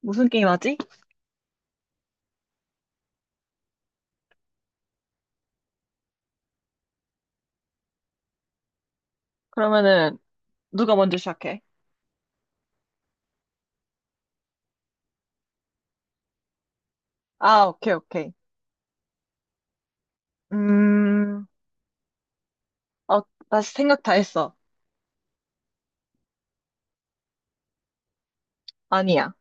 무슨 게임 하지? 그러면은 누가 먼저 시작해? 아, 오케이, 오케이. 음, 어, 나 생각 다 했어. 아니야.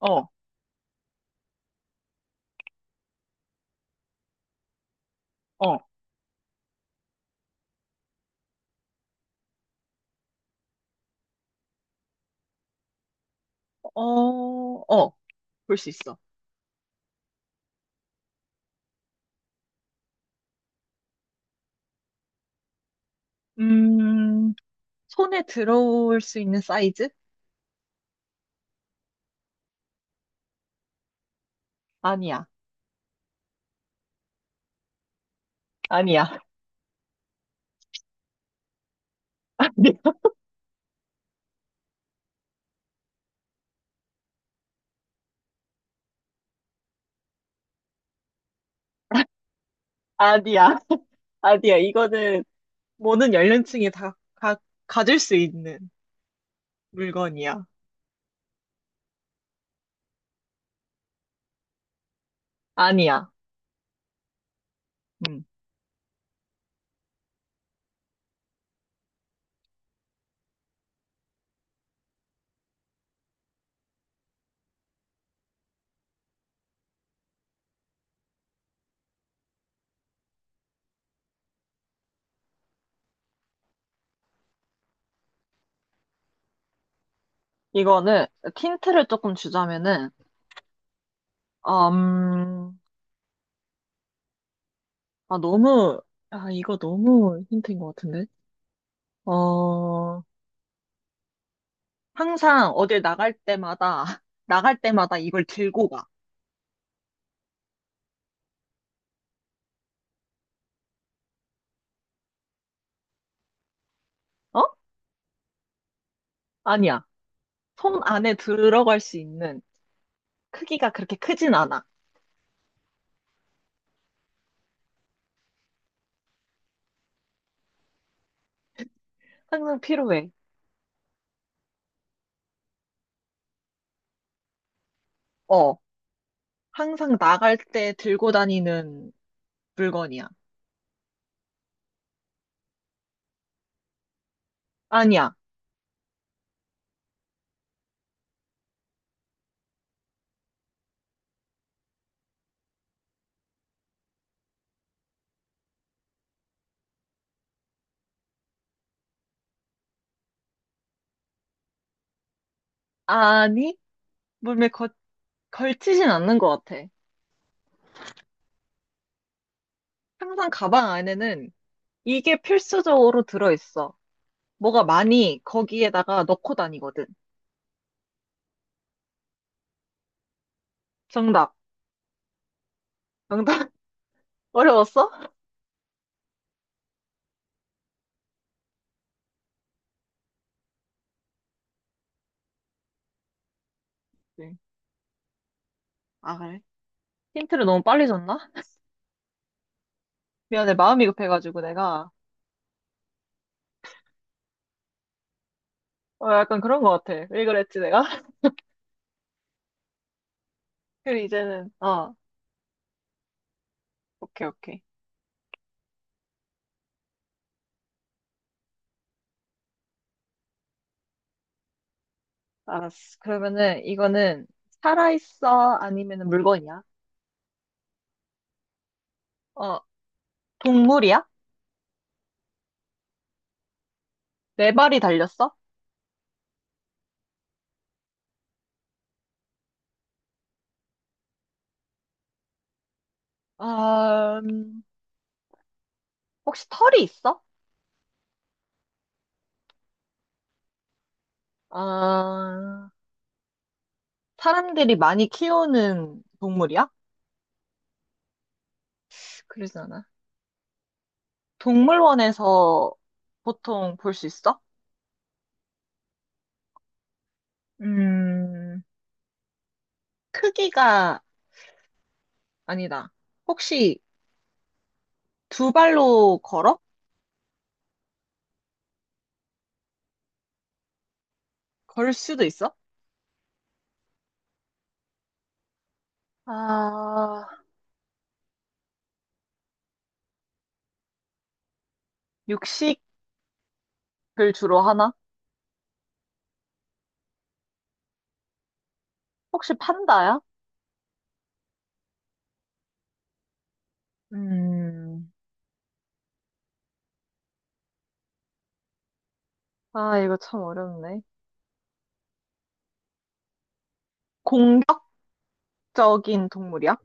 어, 어, 어, 어, 볼 수 있어. 음, 손에 들어올 수 있는 사이즈? 아니야. 아니야. 아니야. 아니야. 아니야. 이거는 모든 연령층이 다 가질 수 있는 물건이야. 아니야. 음. 이거는 힌트를 조금 주자면은, 음, 아, 너무, 이거 너무 힌트인 것 같은데? 어, 항상 어딜 나갈 때마다, 나갈 때마다 이걸 들고 가. 어? 아니야. 손 안에 들어갈 수 있는 크기가 그렇게 크진 않아. 항상 필요해. 어, 항상 나갈 때 들고 다니는 물건이야. 아니야. 아니, 몸에 걸치진 않는 것 같아. 항상 가방 안에는 이게 필수적으로 들어있어. 뭐가 많이 거기에다가 넣고 다니거든. 정답. 정답 어려웠어? 네. 아, 그래? 힌트를 너무 빨리 줬나? 미안해, 마음이 급해가지고 내가. 어, 약간 그런 것 같아. 왜 그랬지, 내가? 그리고 이제는, 오케이, 오케이. 알았어. 그러면은 이거는 살아있어? 아니면 물건이야? 어, 동물이야? 네 발이 달렸어? 아, 음, 혹시 털이 있어? 아, 사람들이 많이 키우는 동물이야? 그러지 않아. 동물원에서 보통 볼 수 있어? 음, 크기가 아니다. 혹시 두 발로 걸어? 걸 수도 있어? 아, 육식을 주로 하나? 혹시 판다야? 음, 이거 참 어렵네. 공격적인 동물이야?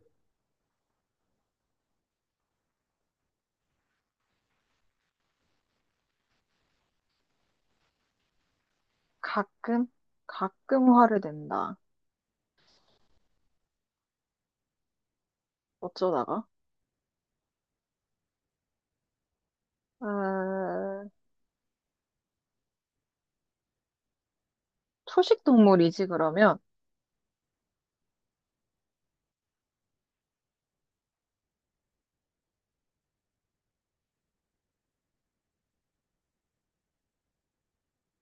가끔? 가끔 화를 낸다. 어쩌다가? 아, 초식 동물이지, 그러면?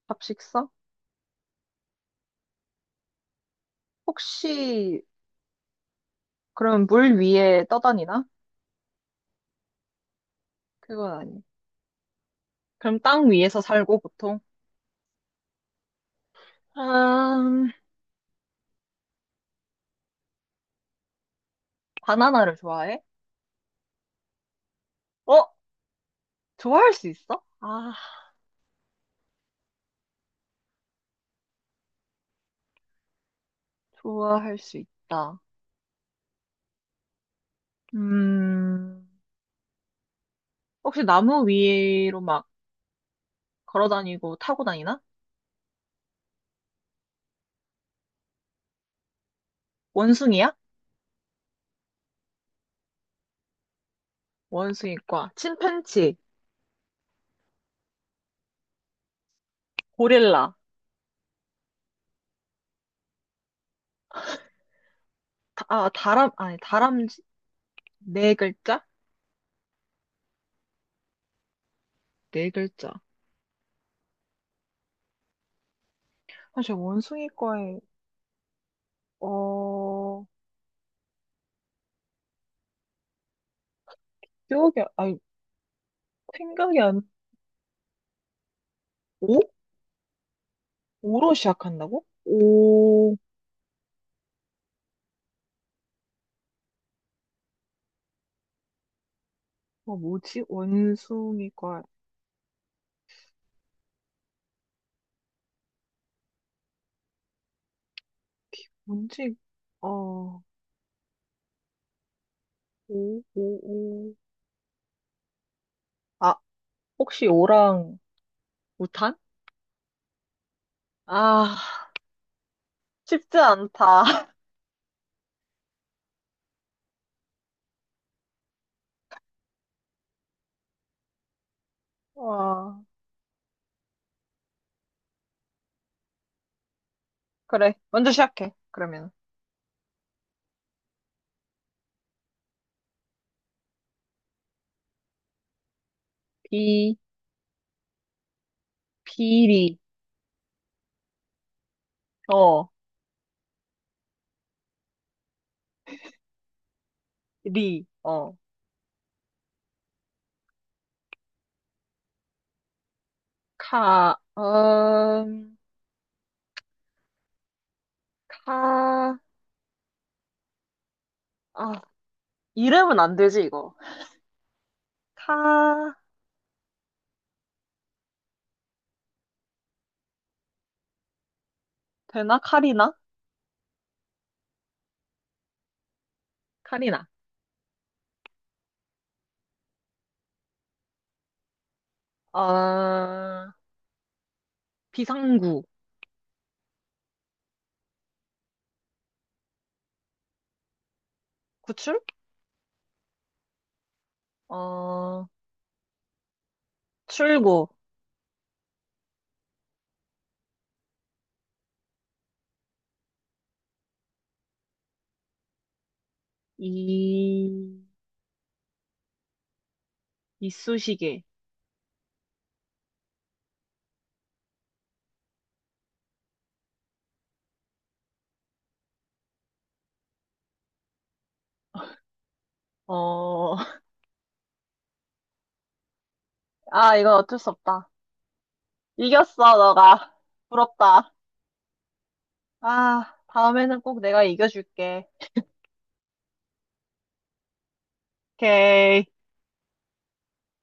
잡식성? 혹시, 그럼 물 위에 떠다니나? 그건 아니. 그럼 땅 위에서 살고 보통? 아, 바나나를 좋아해? 어? 좋아할 수 있어? 아, 좋아할 수 있다. 음, 혹시 나무 위로 막 걸어 다니고 타고 다니나? 원숭이야? 원숭이과, 침팬치, 고릴라, 아니, 다람쥐? 네 글자? 네 글자. 사실 원숭이과에, 어, 기억이, 아니, 생각이 안, 오? 오로 시작한다고? 오, 뭐지? 원숭이과, 뭔지, 어, 오, 오, 오. 아, 혹시 오랑 우탄? 아, 쉽지 않다. 와, 그래, 먼저 시작해. 그러면. 비, 비리, 어, 리, 카, 카, 아, 이름은 안 되지, 이거. 카, 되나? 카리나? 카리나, 어, 비상구, 구출? 어, 출구, 이, 이쑤시개, 어, 아, 이건 어쩔 수 없다. 이겼어, 너가. 부럽다. 아, 다음에는 꼭 내가 이겨줄게. 오케이.